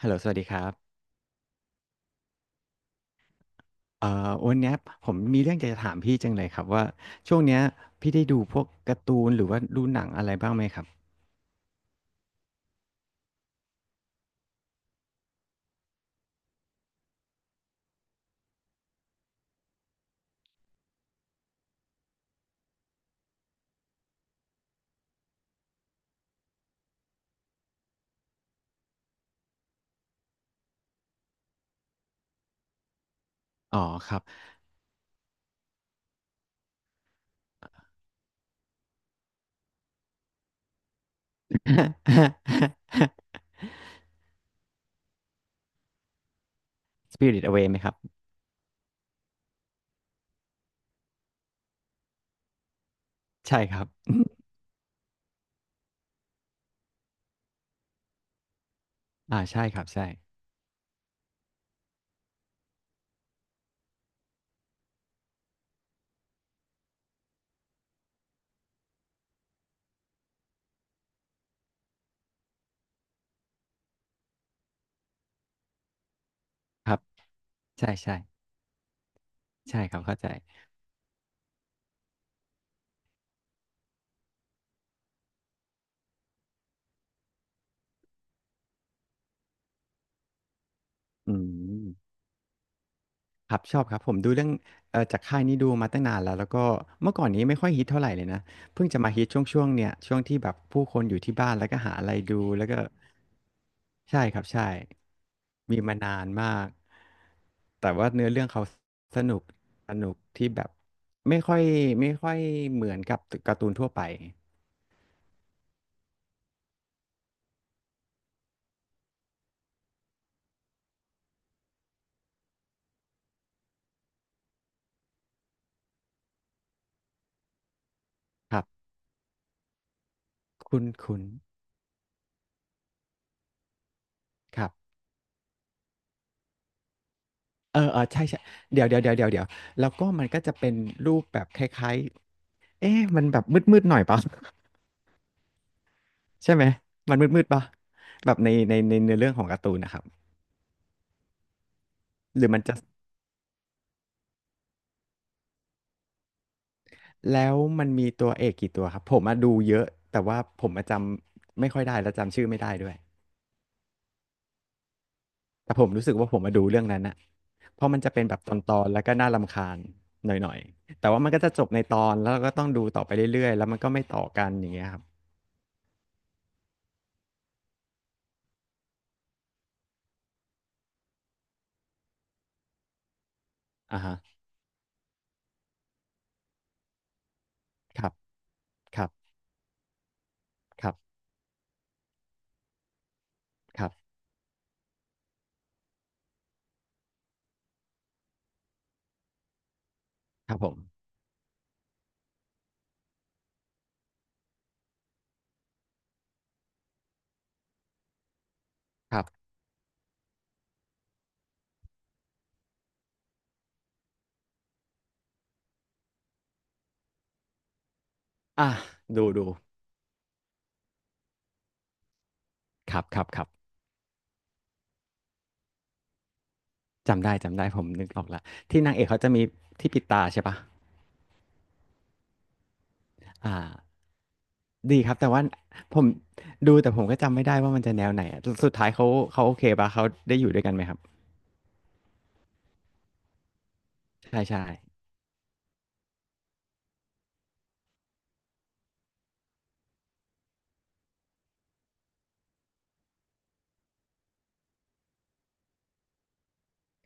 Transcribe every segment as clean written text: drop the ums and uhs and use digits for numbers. ฮัลโหลสวัสดีครับวันเนี้ยผมมีเรื่องอยากจะถามพี่จังเลยครับว่า ช่วงเนี้ยพี่ได้ดูพวกการ์ตูนหรือว่าดูหนังอะไรบ้างไหมครับ อ๋อครับ Spirit Away ไหมครับใช่ครับอ่าใช่ครับ ใช่ครับ ใช่ใช่ใช่ครับ เข้าใจอืม ครับชอบครับผมดูเรื่องจากค่ายนี้ดูมาตั้งนานแล้วแล้วก็เมื่อก่อนนี้ไม่ค่อยฮิตเท่าไหร่เลยนะเพิ่งจะมาฮิตช่วงๆเนี่ยช่วงที่แบบผู้คนอยู่ที่บ้านแล้วก็หาอะไรดูแล้วก็ใช่ครับใช่มีมานานมากแต่ว่าเนื้อเรื่องเขาสนุกสนุกที่แบบไม่ค่อยไม่ค่อยเหมือนกับการ์ตูนทั่วไปครับคุณครับเออเออใช่ใช่เดี๋ยวเดี๋ยวเดี๋ยวเดี๋ยวเดี๋ยวแล้วก็มันก็จะเป็นรูปแบบคล้ายๆเอ๊ะมันแบบมืดๆหน่อยเปล่า ใช่ไหมมันมืดๆปะแบบในเนื้อเรื่องของการ์ตูนนะครับหรือมันจะแล้วมันมีตัวเอกกี่ตัวครับผมมาดูเยอะแต่ว่าผมมาจำไม่ค่อยได้และจำชื่อไม่ได้ด้วยแต่ผมรู้สึกว่าผมมาดูเรื่องนั้นอะเพราะมันจะเป็นแบบตอนๆแล้วก็น่ารำคาญหน่อยๆแต่ว่ามันก็จะจบในตอนแล้วเราก็ต้องดูต่อไปเรื่อยๆแล้วมันก็ไม่ต่อกันอย่างเงี้ยครับอ่าฮะครับครับครับครับครับผมครับอ่ะดูดูครับครับครับ จำได้จำได้ผมนึกออกละที่นางเอกเขาจะมีที่ปิดตาใช่ปะอ่าดีครับแต่ว่าผมดูแต่ผมก็จำไม่ได้ว่ามันจะแนวไหนอะสุดท้ายเขาเขาโอเคปะเขาได้อยู่ด้วยกันไหมครับใช่ใช่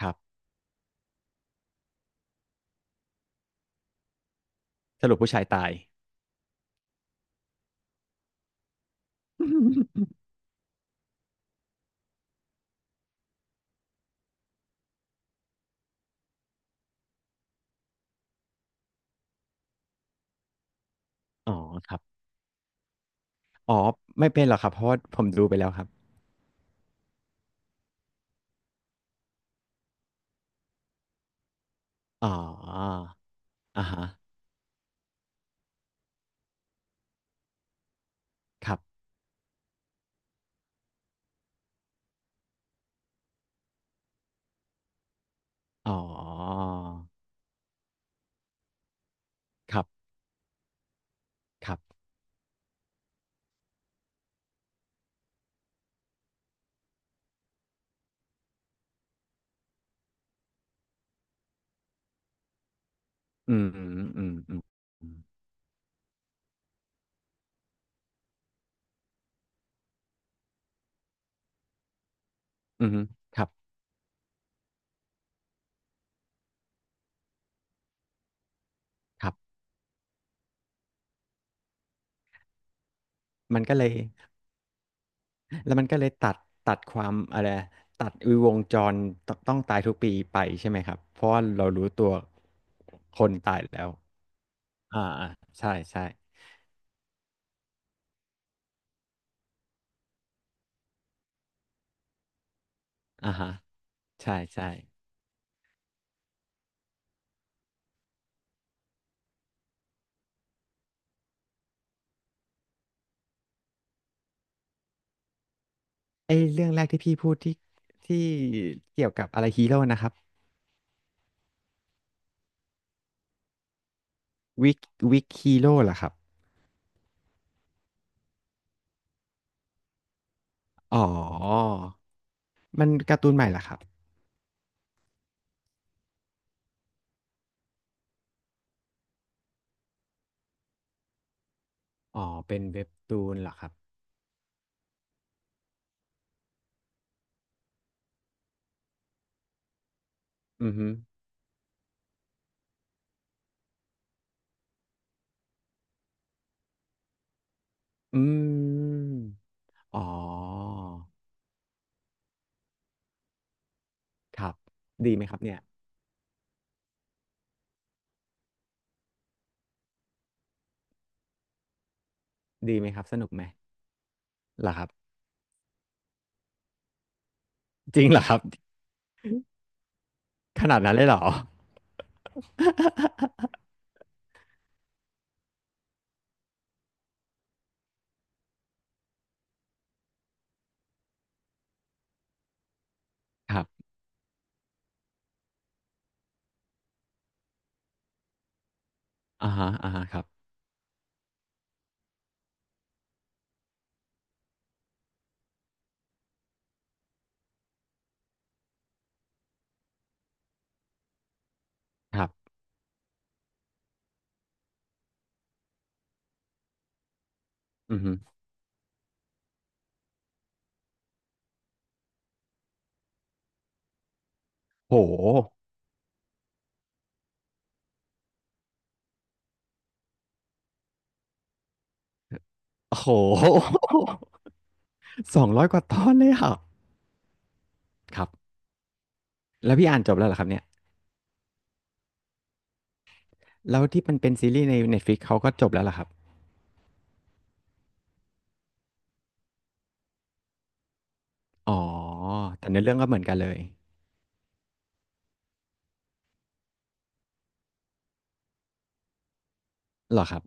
ครับสรุปผู้ชายตาย อ๋อครับอ๋อไม่เป็นหรอกครับเพราะว่าผมดูไปแล้วครับอ๋ออ่าฮะครับอ๋อครับครับอืมอืมครับครับมันก็เลย แล้วมันก็เลยตัดตัดความอะไรตัดวงจรตต้องตายทุกปีไปใช่ไหมครับเพราะว่าเรารู้ตัวคนตายแล้วอ่าอ่าใช่ใช่อ่าฮะใช่ใช่ไอเรื่องแรกที่พี่พูดที่เกี่ยวกับอะไรฮีโร่นะครับวิกวิกฮีโร่เหรอครับอ๋อมันการ์ตูนใหม่เหรอครับอ๋อเป็นเว็บตูนเหรอครับอือฮึอืมอ๋อครับดีไหมครับเนี่ยดีไหมครับสนุกไหมเหรอครับ จริงเหรอครับขนาดนั้นเลยเหรอ ครับอ่าฮะอ่าฮะครับครับอือฮึโหโอ้โห 200กว่าตอนเลยอ่ะครับแล้วพี่อ่านจบแล้วเหรอครับเนี่ยแล้วที่มันเป็นซีรีส์ใน Netflix เขาก็จบแล้วเหรอครับอ๋อแต่ในอเรื่องก็เหมือนกันเลยเหรอครับ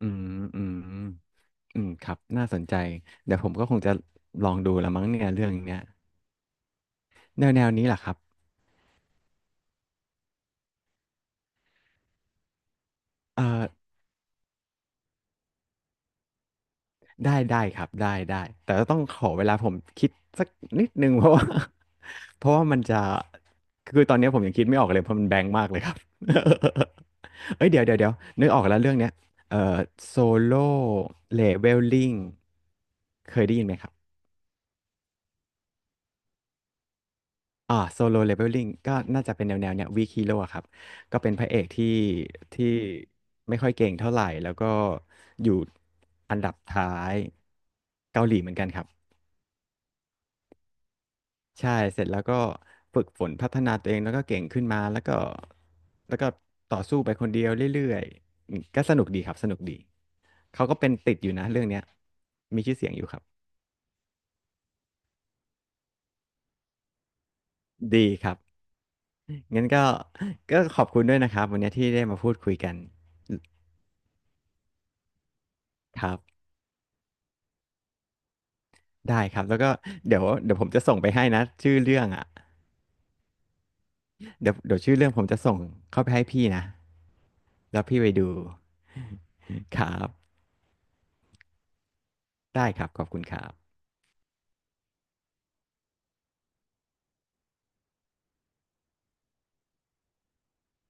อืมอืมอืมครับน่าสนใจเดี๋ยวผมก็คงจะลองดูละมั้งเนี่ยเรื่องเนี้ยแนวนี้แหละครับเอ่อ ได้ได้ครับได้ได้แต่ก็ต้องขอเวลาผมคิดสักนิดนึง เพราะว่า เพราะว่ามันจะคือตอนนี้ผมยังคิดไม่ออกเลยเพราะมันแบงค์มากเลยครับ เอ้ยเดี๋ยวนึกออกแล้วเรื่องเนี้ยเอ่อโซโล่เลเวลลิ่งเคยได้ยินไหมครับอ่าโซโลเลเวลลิ่งก็น่าจะเป็นแนวแนวเนี้ยวีคิีโร่ครับก็เป็นพระเอกที่ไม่ค่อยเก่งเท่าไหร่แล้วก็อยู่อันดับท้ายเกาหลีเหมือนกันครับ ใช่เสร็จแล้วก็ฝึกฝนพัฒนาตัวเองแล้วก็เก่งขึ้นมาแล้วก็ต่อสู้ไปคนเดียวเรื่อยๆอืมก็สนุกดีครับสนุกดีเขาก็เป็นติดอยู่นะเรื่องเนี้ยมีชื่อเสียงอยู่ครับดีครับงั้นก็ก็ขอบคุณด้วยนะครับวันนี้ที่ได้มาพูดคุยกันครับได้ครับแล้วก็เดี๋ยวผมจะส่งไปให้นะชื่อเรื่องอ่ะเดี๋ยวชื่อเรื่องผมจะส่งเข้าไปให้พี่นะแล้วพี่ไปดูครับได้ครับขอบคุณครับ